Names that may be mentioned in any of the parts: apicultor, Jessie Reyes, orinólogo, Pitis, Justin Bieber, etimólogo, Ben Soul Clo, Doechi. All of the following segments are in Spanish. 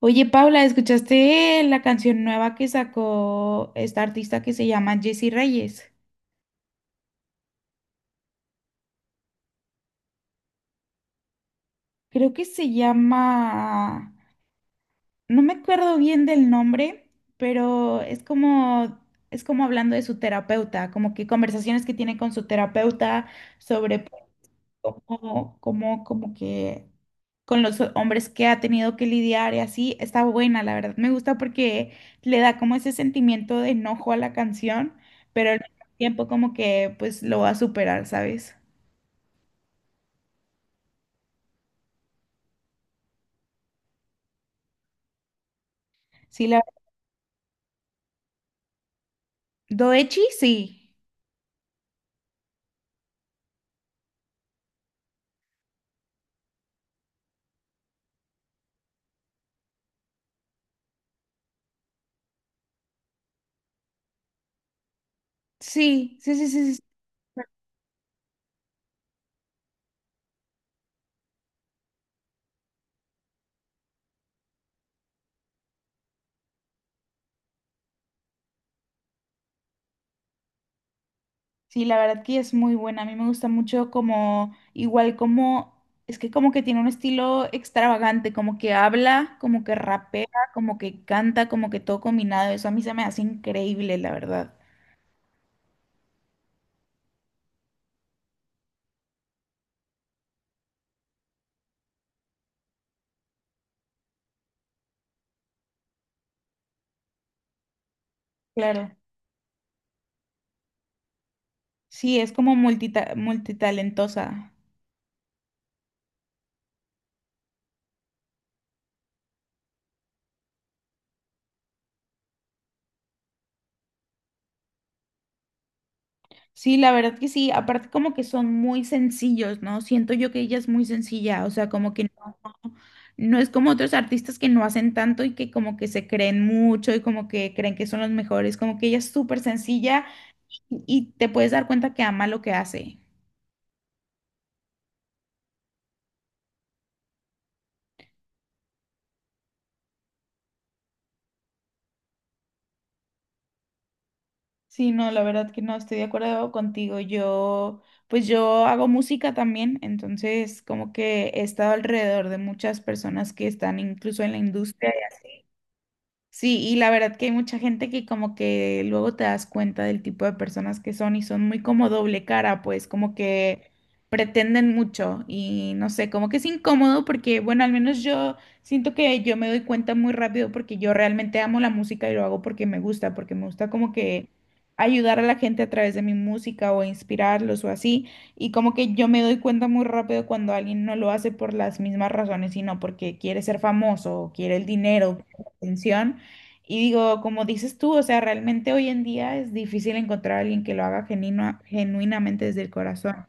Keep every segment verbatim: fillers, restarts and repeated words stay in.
Oye, Paula, ¿escuchaste eh, la canción nueva que sacó esta artista que se llama Jessie Reyes? Creo que se llama, no me acuerdo bien del nombre, pero es como es como hablando de su terapeuta, como que conversaciones que tiene con su terapeuta sobre como, como, como que con los hombres que ha tenido que lidiar y así, está buena, la verdad. Me gusta porque le da como ese sentimiento de enojo a la canción, pero al mismo tiempo como que pues lo va a superar, ¿sabes? Sí, la... Doechi, sí. Sí, sí, sí, sí, sí, sí. Sí, la verdad que es muy buena. A mí me gusta mucho como, igual como, es que como que tiene un estilo extravagante, como que habla, como que rapea, como que canta, como que todo combinado. Eso a mí se me hace increíble, la verdad. Claro. Sí, es como multita multitalentosa. Sí, la verdad que sí, aparte como que son muy sencillos, ¿no? Siento yo que ella es muy sencilla, o sea, como que no, no es como otros artistas que no hacen tanto y que como que se creen mucho y como que creen que son los mejores, como que ella es súper sencilla y te puedes dar cuenta que ama lo que hace. Sí, no, la verdad que no, estoy de acuerdo contigo. Yo, pues yo hago música también, entonces como que he estado alrededor de muchas personas que están incluso en la industria, y así. Sí, y la verdad que hay mucha gente que como que luego te das cuenta del tipo de personas que son y son muy como doble cara, pues como que pretenden mucho y no sé, como que es incómodo porque, bueno, al menos yo siento que yo me doy cuenta muy rápido porque yo realmente amo la música y lo hago porque me gusta, porque me gusta como que ayudar a la gente a través de mi música o inspirarlos o así, y como que yo me doy cuenta muy rápido cuando alguien no lo hace por las mismas razones, sino porque quiere ser famoso o quiere el dinero, quiere la atención. Y digo, como dices tú, o sea, realmente hoy en día es difícil encontrar a alguien que lo haga genuino- genuinamente desde el corazón.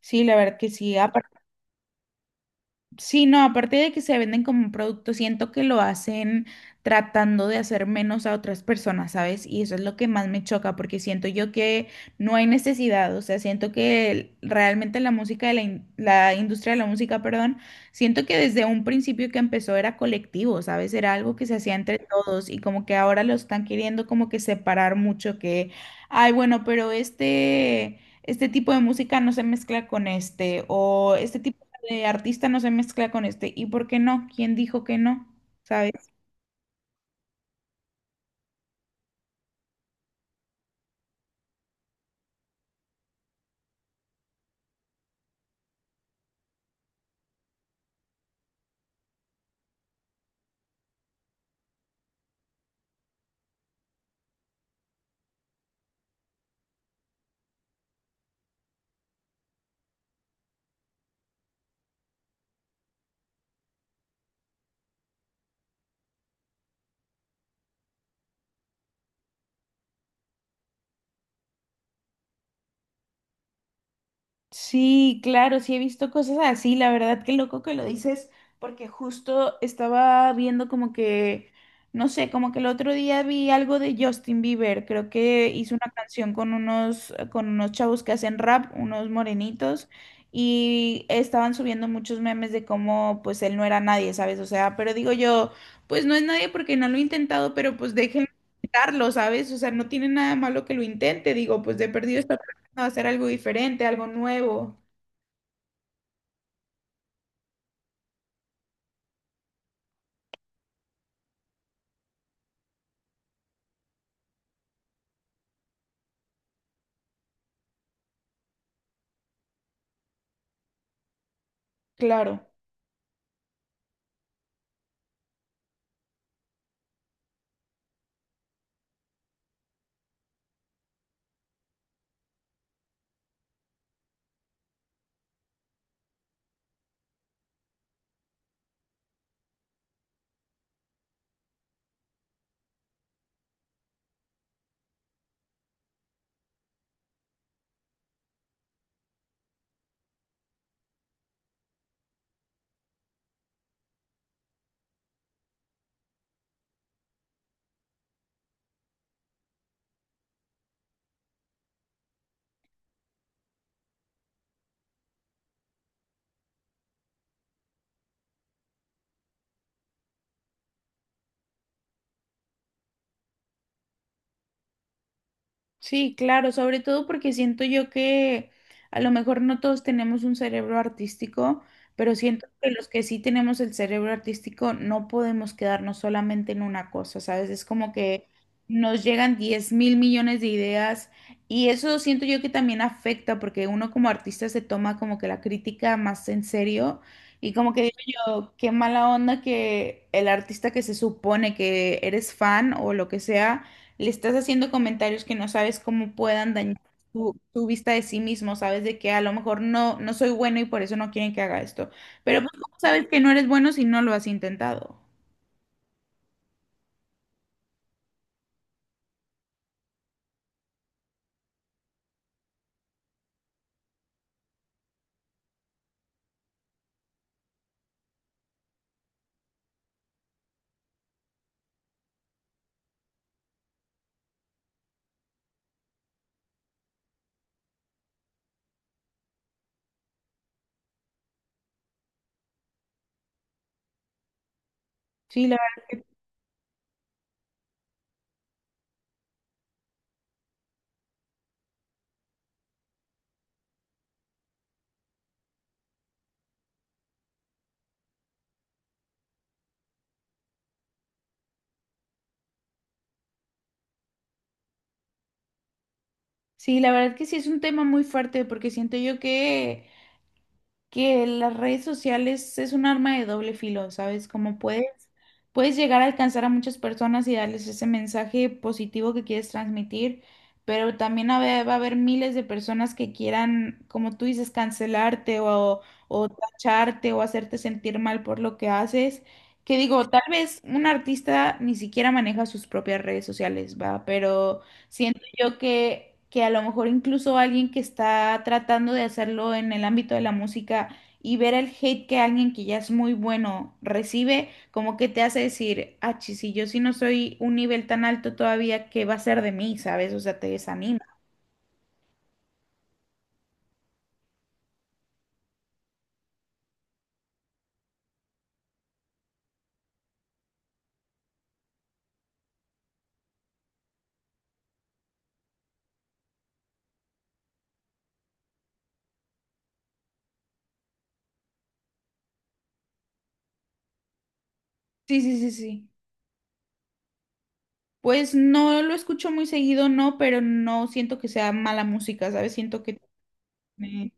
Sí, la verdad que sí. Aparte, sí, no, aparte de que se venden como un producto, siento que lo hacen tratando de hacer menos a otras personas, ¿sabes? Y eso es lo que más me choca, porque siento yo que no hay necesidad, o sea, siento que el- realmente la música de la, in- la industria de la música, perdón, siento que desde un principio que empezó era colectivo, ¿sabes? Era algo que se hacía entre todos y como que ahora lo están queriendo como que separar mucho, que, ay, bueno, pero este... Este tipo de música no se mezcla con este, o este tipo de artista no se mezcla con este. ¿Y por qué no? ¿Quién dijo que no? ¿Sabes? Sí, claro, sí he visto cosas así, la verdad qué loco que lo dices, porque justo estaba viendo como que, no sé, como que el otro día vi algo de Justin Bieber, creo que hizo una canción con unos, con unos chavos que hacen rap, unos morenitos, y estaban subiendo muchos memes de cómo pues él no era nadie, ¿sabes? O sea, pero digo yo, pues no es nadie porque no lo he intentado, pero pues déjenlo intentarlo, ¿sabes? O sea, no tiene nada malo que lo intente, digo, pues de perdido no, hacer algo diferente, algo nuevo, claro. Sí, claro, sobre todo porque siento yo que a lo mejor no todos tenemos un cerebro artístico, pero siento que los que sí tenemos el cerebro artístico no podemos quedarnos solamente en una cosa, ¿sabes? Es como que nos llegan diez mil millones de ideas y eso siento yo que también afecta porque uno como artista se toma como que la crítica más en serio y como que digo yo, qué mala onda que el artista que se supone que eres fan o lo que sea le estás haciendo comentarios que no sabes cómo puedan dañar tu, tu vista de sí mismo, sabes de que a lo mejor no, no soy bueno y por eso no quieren que haga esto. Pero pues, ¿cómo sabes que no eres bueno si no lo has intentado? Sí, la verdad que, sí, la verdad que sí es un tema muy fuerte porque siento yo que que las redes sociales es un arma de doble filo, ¿sabes? Como puedes, puedes llegar a alcanzar a muchas personas y darles ese mensaje positivo que quieres transmitir, pero también a ve- va a haber miles de personas que quieran, como tú dices, cancelarte o, o tacharte o hacerte sentir mal por lo que haces. Que digo, tal vez un artista ni siquiera maneja sus propias redes sociales, ¿va? Pero siento yo que, que a lo mejor incluso alguien que está tratando de hacerlo en el ámbito de la música y ver el hate que alguien que ya es muy bueno recibe, como que te hace decir, ah, chis, si yo sí no soy un nivel tan alto todavía, ¿qué va a ser de mí? ¿Sabes? O sea, te desanima. Sí, sí, sí, sí. Pues no lo escucho muy seguido, no, pero no siento que sea mala música, ¿sabes? Siento que... tiene...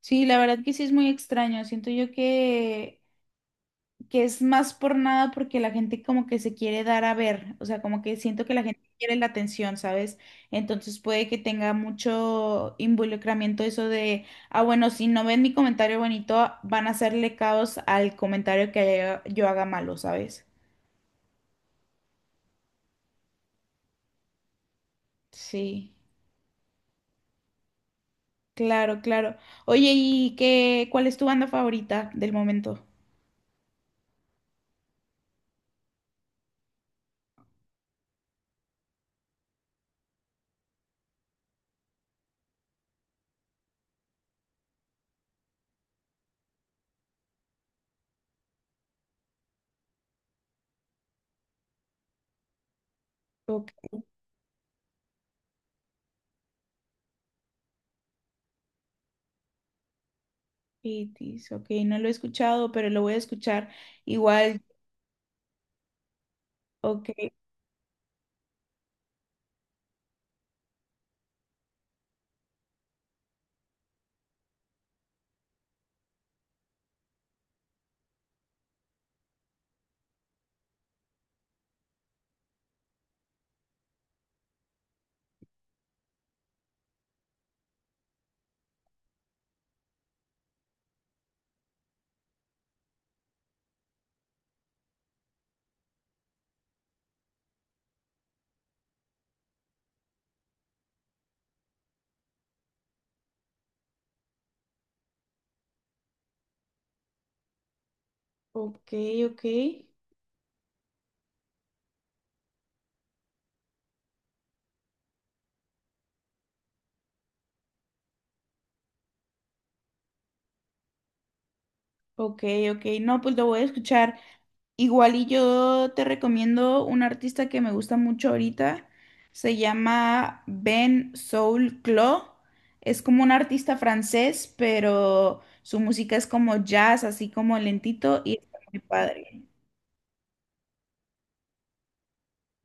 Sí, la verdad que sí es muy extraño. Siento yo que que es más por nada porque la gente como que se quiere dar a ver, o sea, como que siento que la gente quiere la atención, ¿sabes? Entonces puede que tenga mucho involucramiento eso de, ah, bueno, si no ven mi comentario bonito, van a hacerle caos al comentario que haya- yo haga malo, ¿sabes? Sí, claro, claro. Oye, ¿y qué, cuál es tu banda favorita del momento? Ok, Pitis, ok, no lo he escuchado, pero lo voy a escuchar igual. Ok, ok, ok. Ok, ok, no, pues lo voy a escuchar. Igual y yo te recomiendo un artista que me gusta mucho ahorita. Se llama Ben Soul Clo. Es como un artista francés, pero su música es como jazz, así como lentito y está muy padre.